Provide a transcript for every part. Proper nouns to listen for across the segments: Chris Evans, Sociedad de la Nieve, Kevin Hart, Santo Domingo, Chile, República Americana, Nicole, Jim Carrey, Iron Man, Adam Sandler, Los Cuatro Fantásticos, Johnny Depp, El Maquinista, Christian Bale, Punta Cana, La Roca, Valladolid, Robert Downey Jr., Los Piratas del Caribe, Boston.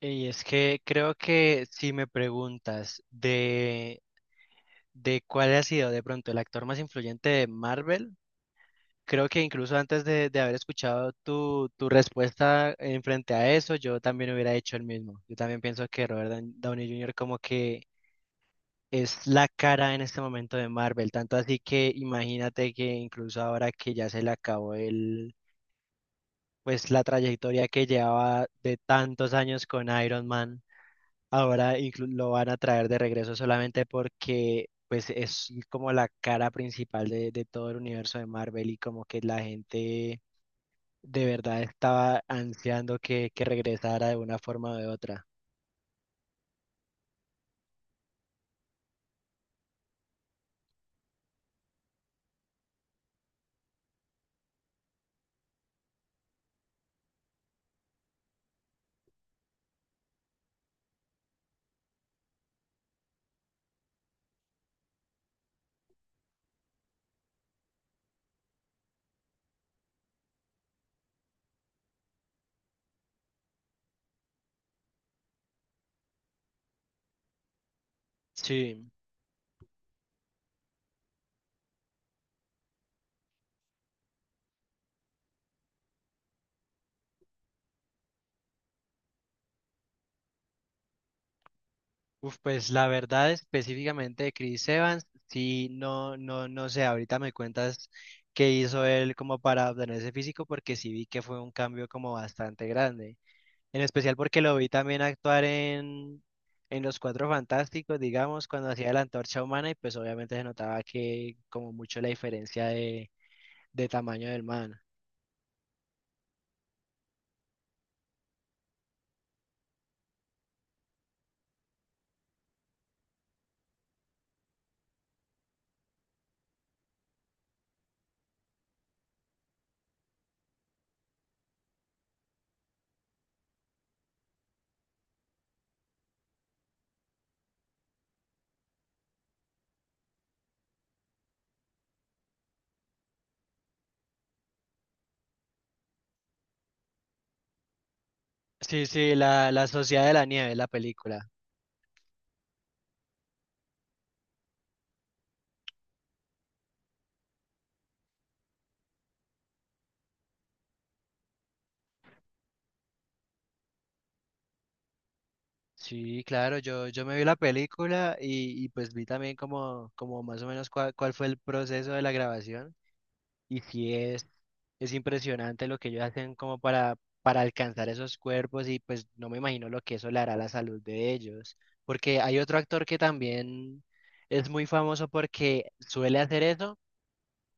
Y es que creo que si me preguntas de cuál ha sido de pronto el actor más influyente de Marvel, creo que incluso antes de haber escuchado tu respuesta en frente a eso, yo también hubiera hecho el mismo. Yo también pienso que Downey Jr. como que es la cara en este momento de Marvel, tanto así que imagínate que incluso ahora que ya se le acabó el, pues la trayectoria que llevaba de tantos años con Iron Man. Lo van a traer de regreso solamente porque pues es como la cara principal de todo el universo de Marvel y como que la gente de verdad estaba ansiando que regresara de una forma o de otra. Sí, uf, pues la verdad específicamente de Chris Evans, sí, no sé, ahorita me cuentas qué hizo él como para obtener ese físico porque sí vi que fue un cambio como bastante grande. En especial porque lo vi también en Los Cuatro Fantásticos, digamos, cuando hacía la antorcha humana y pues obviamente se notaba que como mucho la diferencia de tamaño del man. Sí, sí, la Sociedad de la Nieve, la película. Sí, claro, yo me vi la película y pues vi también como más o menos cuál fue el proceso de la grabación. Y sí es, es impresionante lo que ellos hacen como para alcanzar esos cuerpos y pues no me imagino lo que eso le hará a la salud de ellos. Porque hay otro actor que también es muy famoso porque suele hacer eso,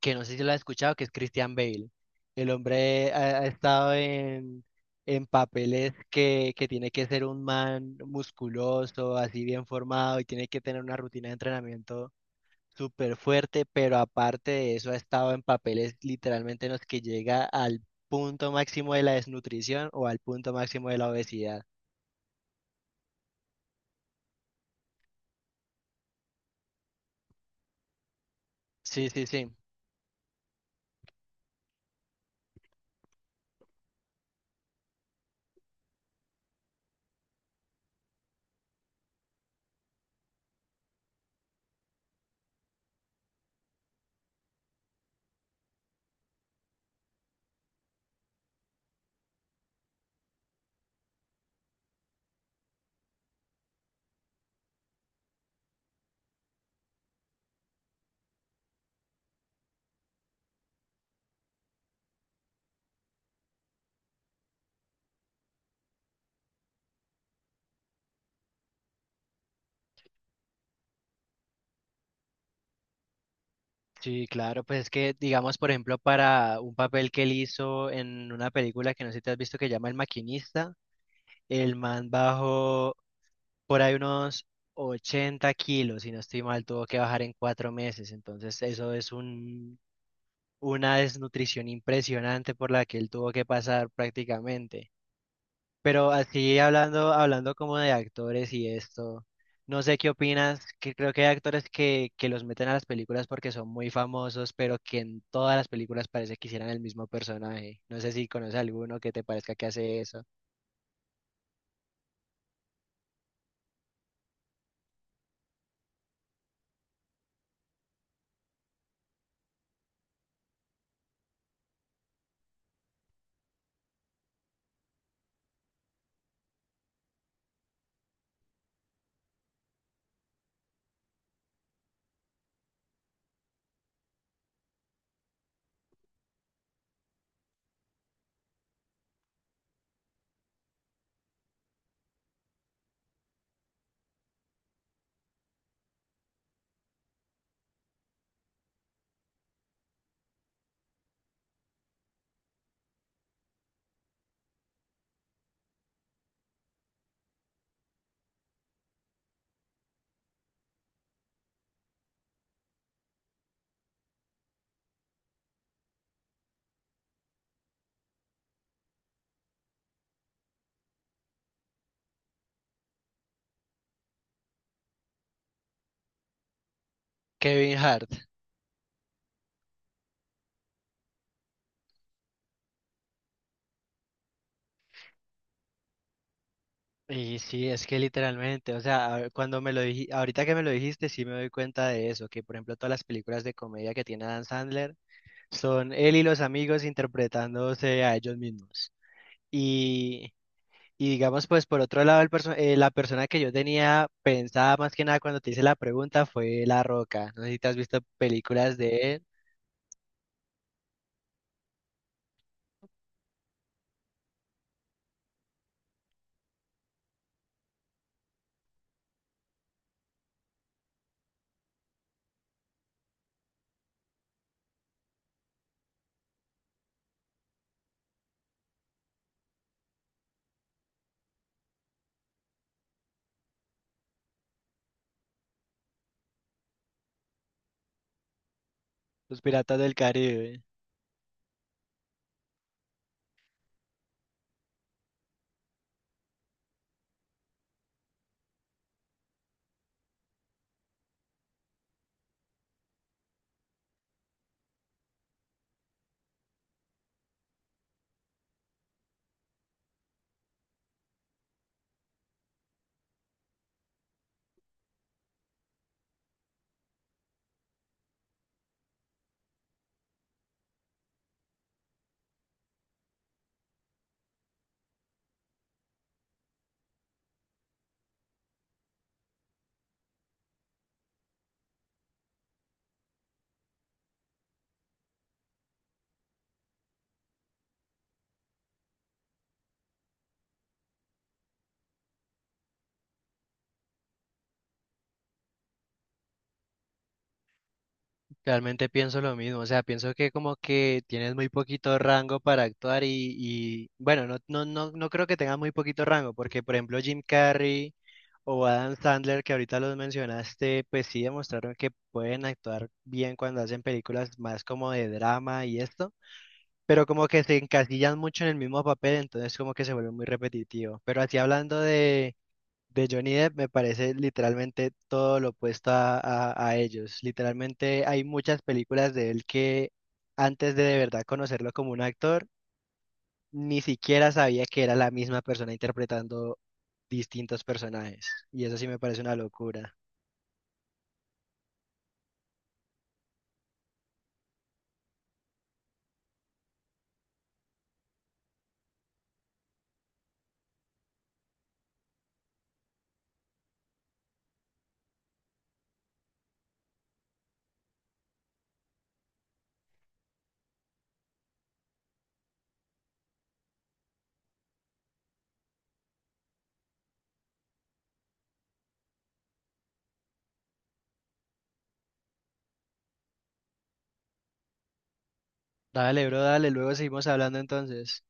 que no sé si lo has escuchado, que es Christian Bale. El hombre ha estado en papeles que tiene que ser un man musculoso, así bien formado y tiene que tener una rutina de entrenamiento súper fuerte, pero aparte de eso ha estado en papeles literalmente en los que llega al punto máximo de la desnutrición o al punto máximo de la obesidad. Sí, sí, sí. Sí, claro, pues es que, digamos, por ejemplo, para un papel que él hizo en una película que no sé si te has visto que llama El Maquinista, el man bajó por ahí unos 80 kilos, si no estoy mal, tuvo que bajar en 4 meses, entonces eso es un una desnutrición impresionante por la que él tuvo que pasar prácticamente. Pero así hablando como de actores y esto, no sé qué opinas, que creo que hay actores que los meten a las películas porque son muy famosos, pero que en todas las películas parece que hicieran el mismo personaje. No sé si conoces alguno que te parezca que hace eso. Kevin Hart. Y sí, es que literalmente, o sea, cuando me lo dijiste, ahorita que me lo dijiste, sí me doy cuenta de eso, que por ejemplo todas las películas de comedia que tiene Dan Sandler son él y los amigos interpretándose a ellos mismos. Y, y digamos, pues por otro lado, la persona que yo tenía pensada más que nada cuando te hice la pregunta fue La Roca. No sé si te has visto películas de él. Los Piratas del Caribe. Realmente pienso lo mismo, o sea, pienso que como que tienes muy poquito rango para actuar y bueno, no creo que tengas muy poquito rango, porque por ejemplo Jim Carrey... O Adam Sandler, que ahorita los mencionaste, pues sí demostraron que pueden actuar bien cuando hacen películas más como de drama y esto, pero como que se encasillan mucho en el mismo papel, entonces como que se vuelve muy repetitivo. Pero así de Johnny Depp, me parece literalmente todo lo opuesto a ellos. Literalmente hay muchas películas de él que antes de verdad conocerlo como un actor, ni siquiera sabía que era la misma persona interpretando distintos personajes. Y eso sí me parece una locura. Dale, bro, dale, luego seguimos hablando entonces.